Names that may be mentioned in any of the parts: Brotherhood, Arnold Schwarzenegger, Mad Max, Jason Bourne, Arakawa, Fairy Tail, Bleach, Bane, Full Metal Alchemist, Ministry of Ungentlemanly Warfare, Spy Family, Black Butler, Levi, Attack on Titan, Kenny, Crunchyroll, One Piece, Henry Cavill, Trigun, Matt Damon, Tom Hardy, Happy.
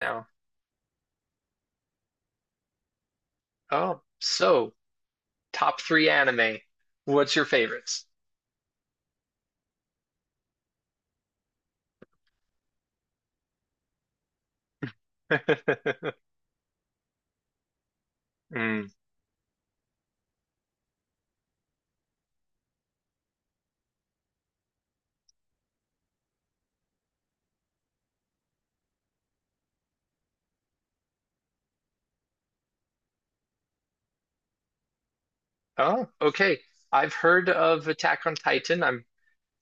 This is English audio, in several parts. Now. Oh, so top three anime. What's your favorites? Mm. Oh, okay. I've heard of Attack on Titan. I'm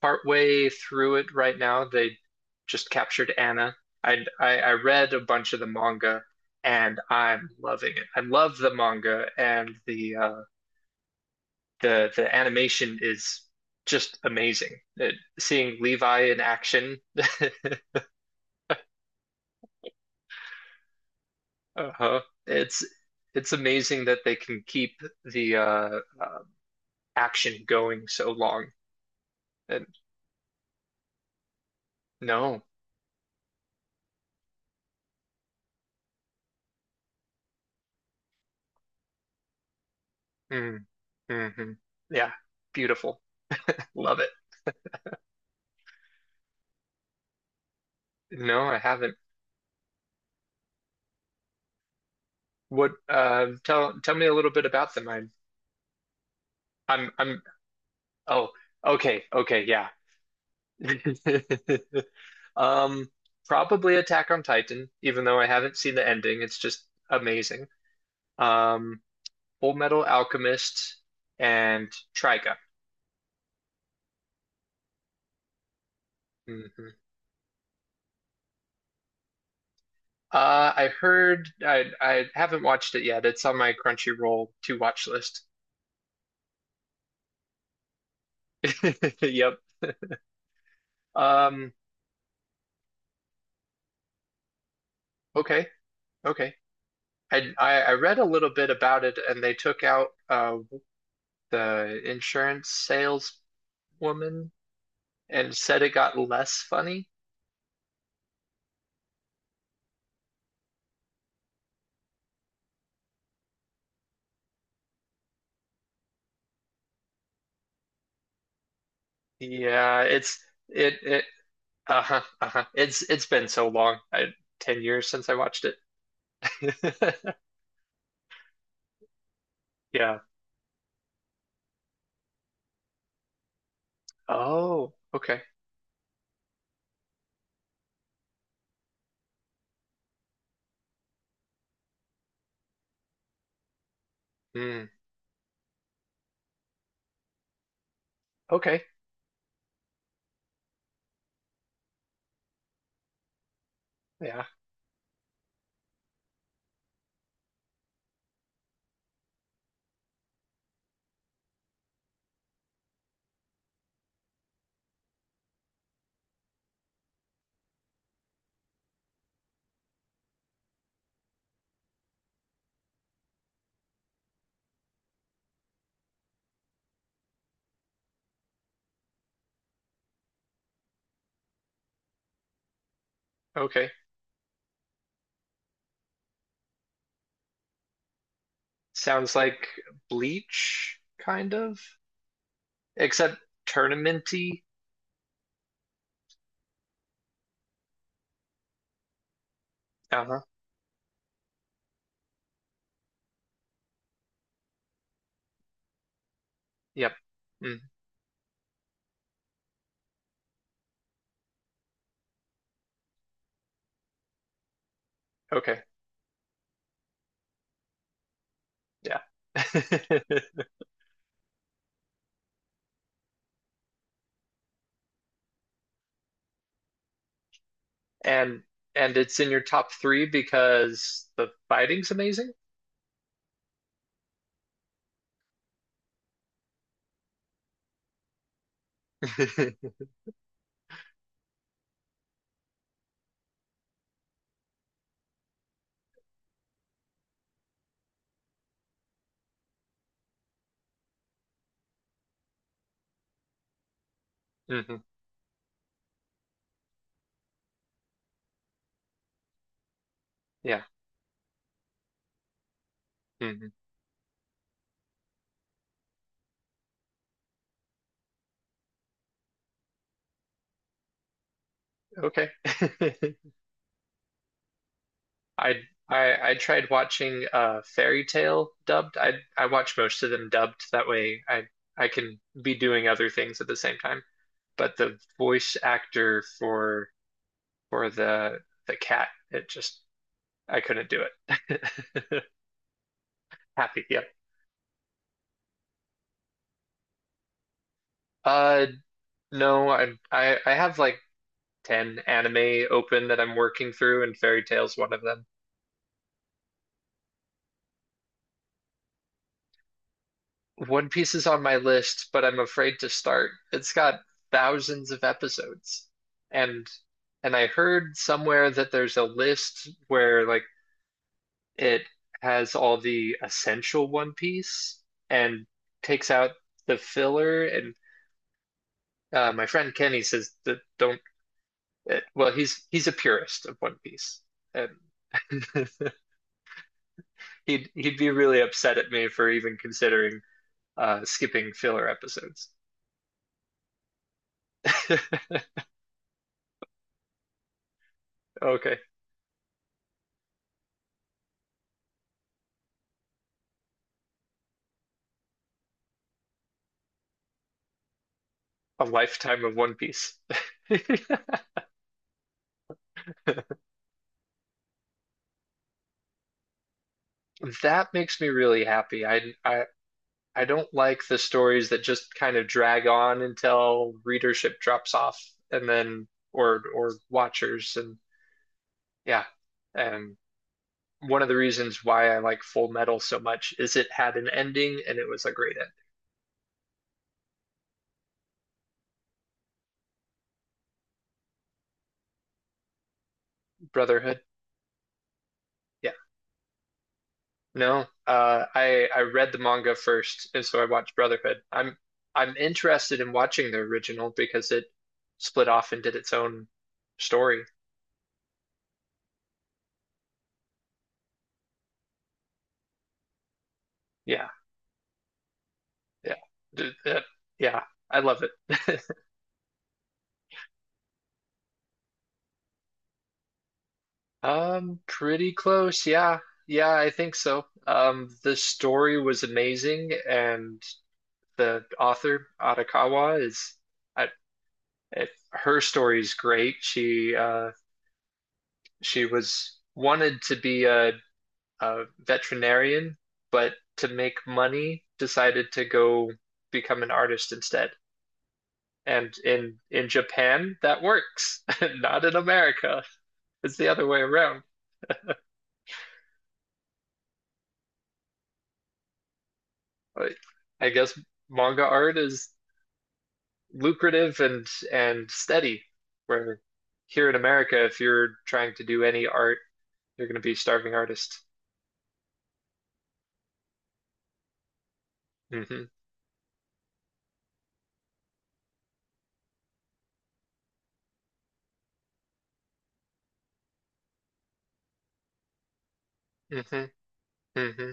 partway through it right now. They just captured Anna. I read a bunch of the manga, and I'm loving it. I love the manga, and the animation is just amazing. It, seeing Levi in action. Uh-huh. It's it's amazing that they can keep the action going so long. And no. Mm. Hmm. Yeah. Beautiful. Love it. No, I haven't. What tell me a little bit about them. I'm oh, okay. Okay, yeah. Um Probably Attack on Titan, even though I haven't seen the ending. It's just amazing. Um Full Metal Alchemist and Trigun. Mm-hmm. I heard I haven't watched it yet. It's on my Crunchyroll to watch list. Yep. Um, okay. Okay. I read a little bit about it and they took out the insurance saleswoman and said it got less funny. Yeah, it's it it uh-huh, uh-huh. It's been so long. I 10 years since I watched it. Yeah. Oh, okay. Hmm. Okay. Yeah. Okay. Sounds like Bleach, kind of, except tournamenty. Uh-huh. Yep. Mm, okay. Yeah. And and it's in your top three because the fighting's amazing. Hmm. Yeah. Hmm. Okay. I tried watching Fairy Tale dubbed. I watch most of them dubbed. That way I can be doing other things at the same time. But the voice actor for the cat. It just I couldn't do it. Happy, yep. Uh, no, I have like 10 anime open that I'm working through, and Fairy Tail's one of them. One Piece is on my list, but I'm afraid to start. It's got thousands of episodes. And and I heard somewhere that there's a list where like it has all the essential One Piece and takes out the filler and my friend Kenny says that don't. Well, he's a purist of One Piece, and he'd be really upset at me for even considering skipping filler episodes. Okay, a lifetime of One Piece. That makes me really happy. I don't like the stories that just kind of drag on until readership drops off, and then or watchers, and yeah, and one of the reasons why I like Full Metal so much is it had an ending and it was a great ending. Brotherhood. Yeah. No. I read the manga first and so I watched Brotherhood. I'm interested in watching the original because it split off and did its own story. Yeah. Yeah. D- uh, yeah. I love it. Pretty close. Yeah. Yeah, I think so. The story was amazing and the author Arakawa is I, her story's great. She was wanted to be a veterinarian, but to make money, decided to go become an artist instead. And in Japan, that works. Not in America. It's the other way around. I guess manga art is lucrative and steady. Where here in America, if you're trying to do any art, you're going to be starving artist. Hmm. Hmm. Hmm.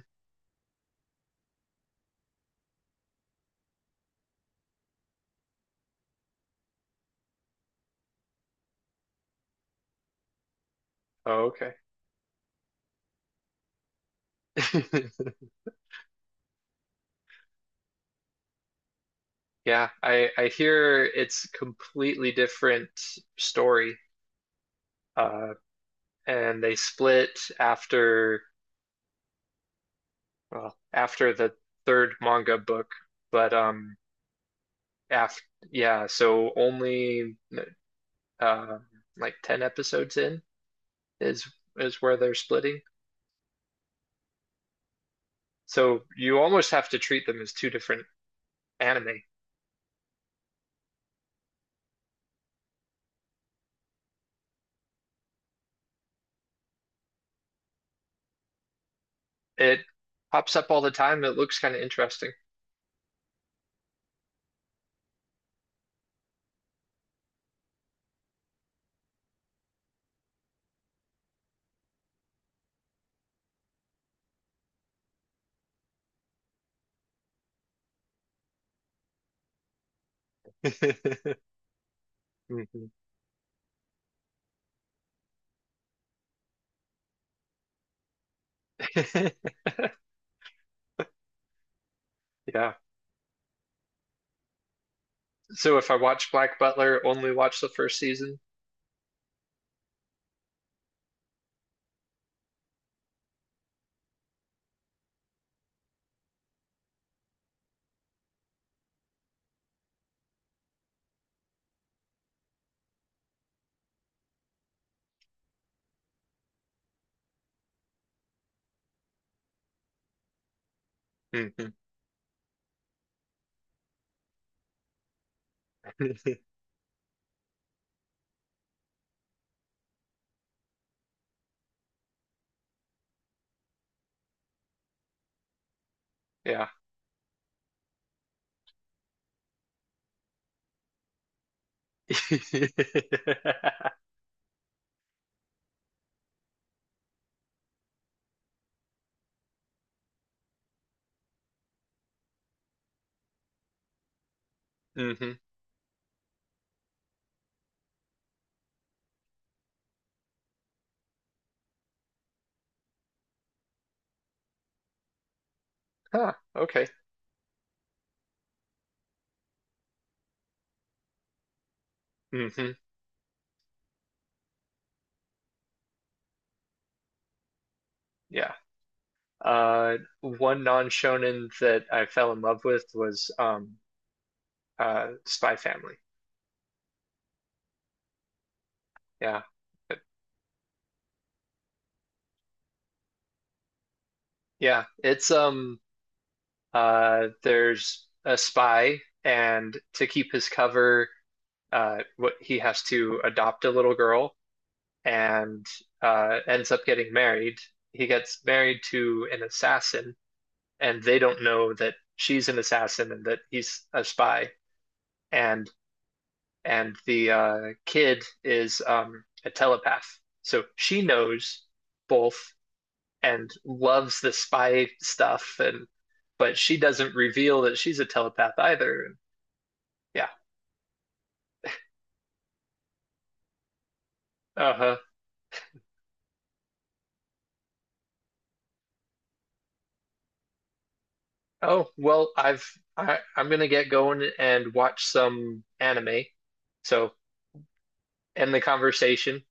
Oh, okay. Yeah, I hear it's completely different story. Uh, and they split after after the third manga book, but after yeah, so only um like 10 episodes in is is where they're splitting. So you almost have to treat them as two different anime. It pops up all the time. It looks kind of interesting. Mhm. Yeah. So if I watch Black Butler, only watch the first season. Hmm. Yeah. Hmm. Huh. Okay. Hmm. Yeah. One non-shonen that I fell in love with was Spy Family. Yeah. Yeah, it's there's a spy and to keep his cover what he has to adopt a little girl and ends up getting married. He gets married to an assassin, and they don't know that she's an assassin and that he's a spy. And and the kid is a telepath, so she knows both and loves the spy stuff, and but she doesn't reveal that she's a telepath either. And yeah, uh-huh. Oh, well, I've I'm gonna get going and watch some anime. So end the conversation.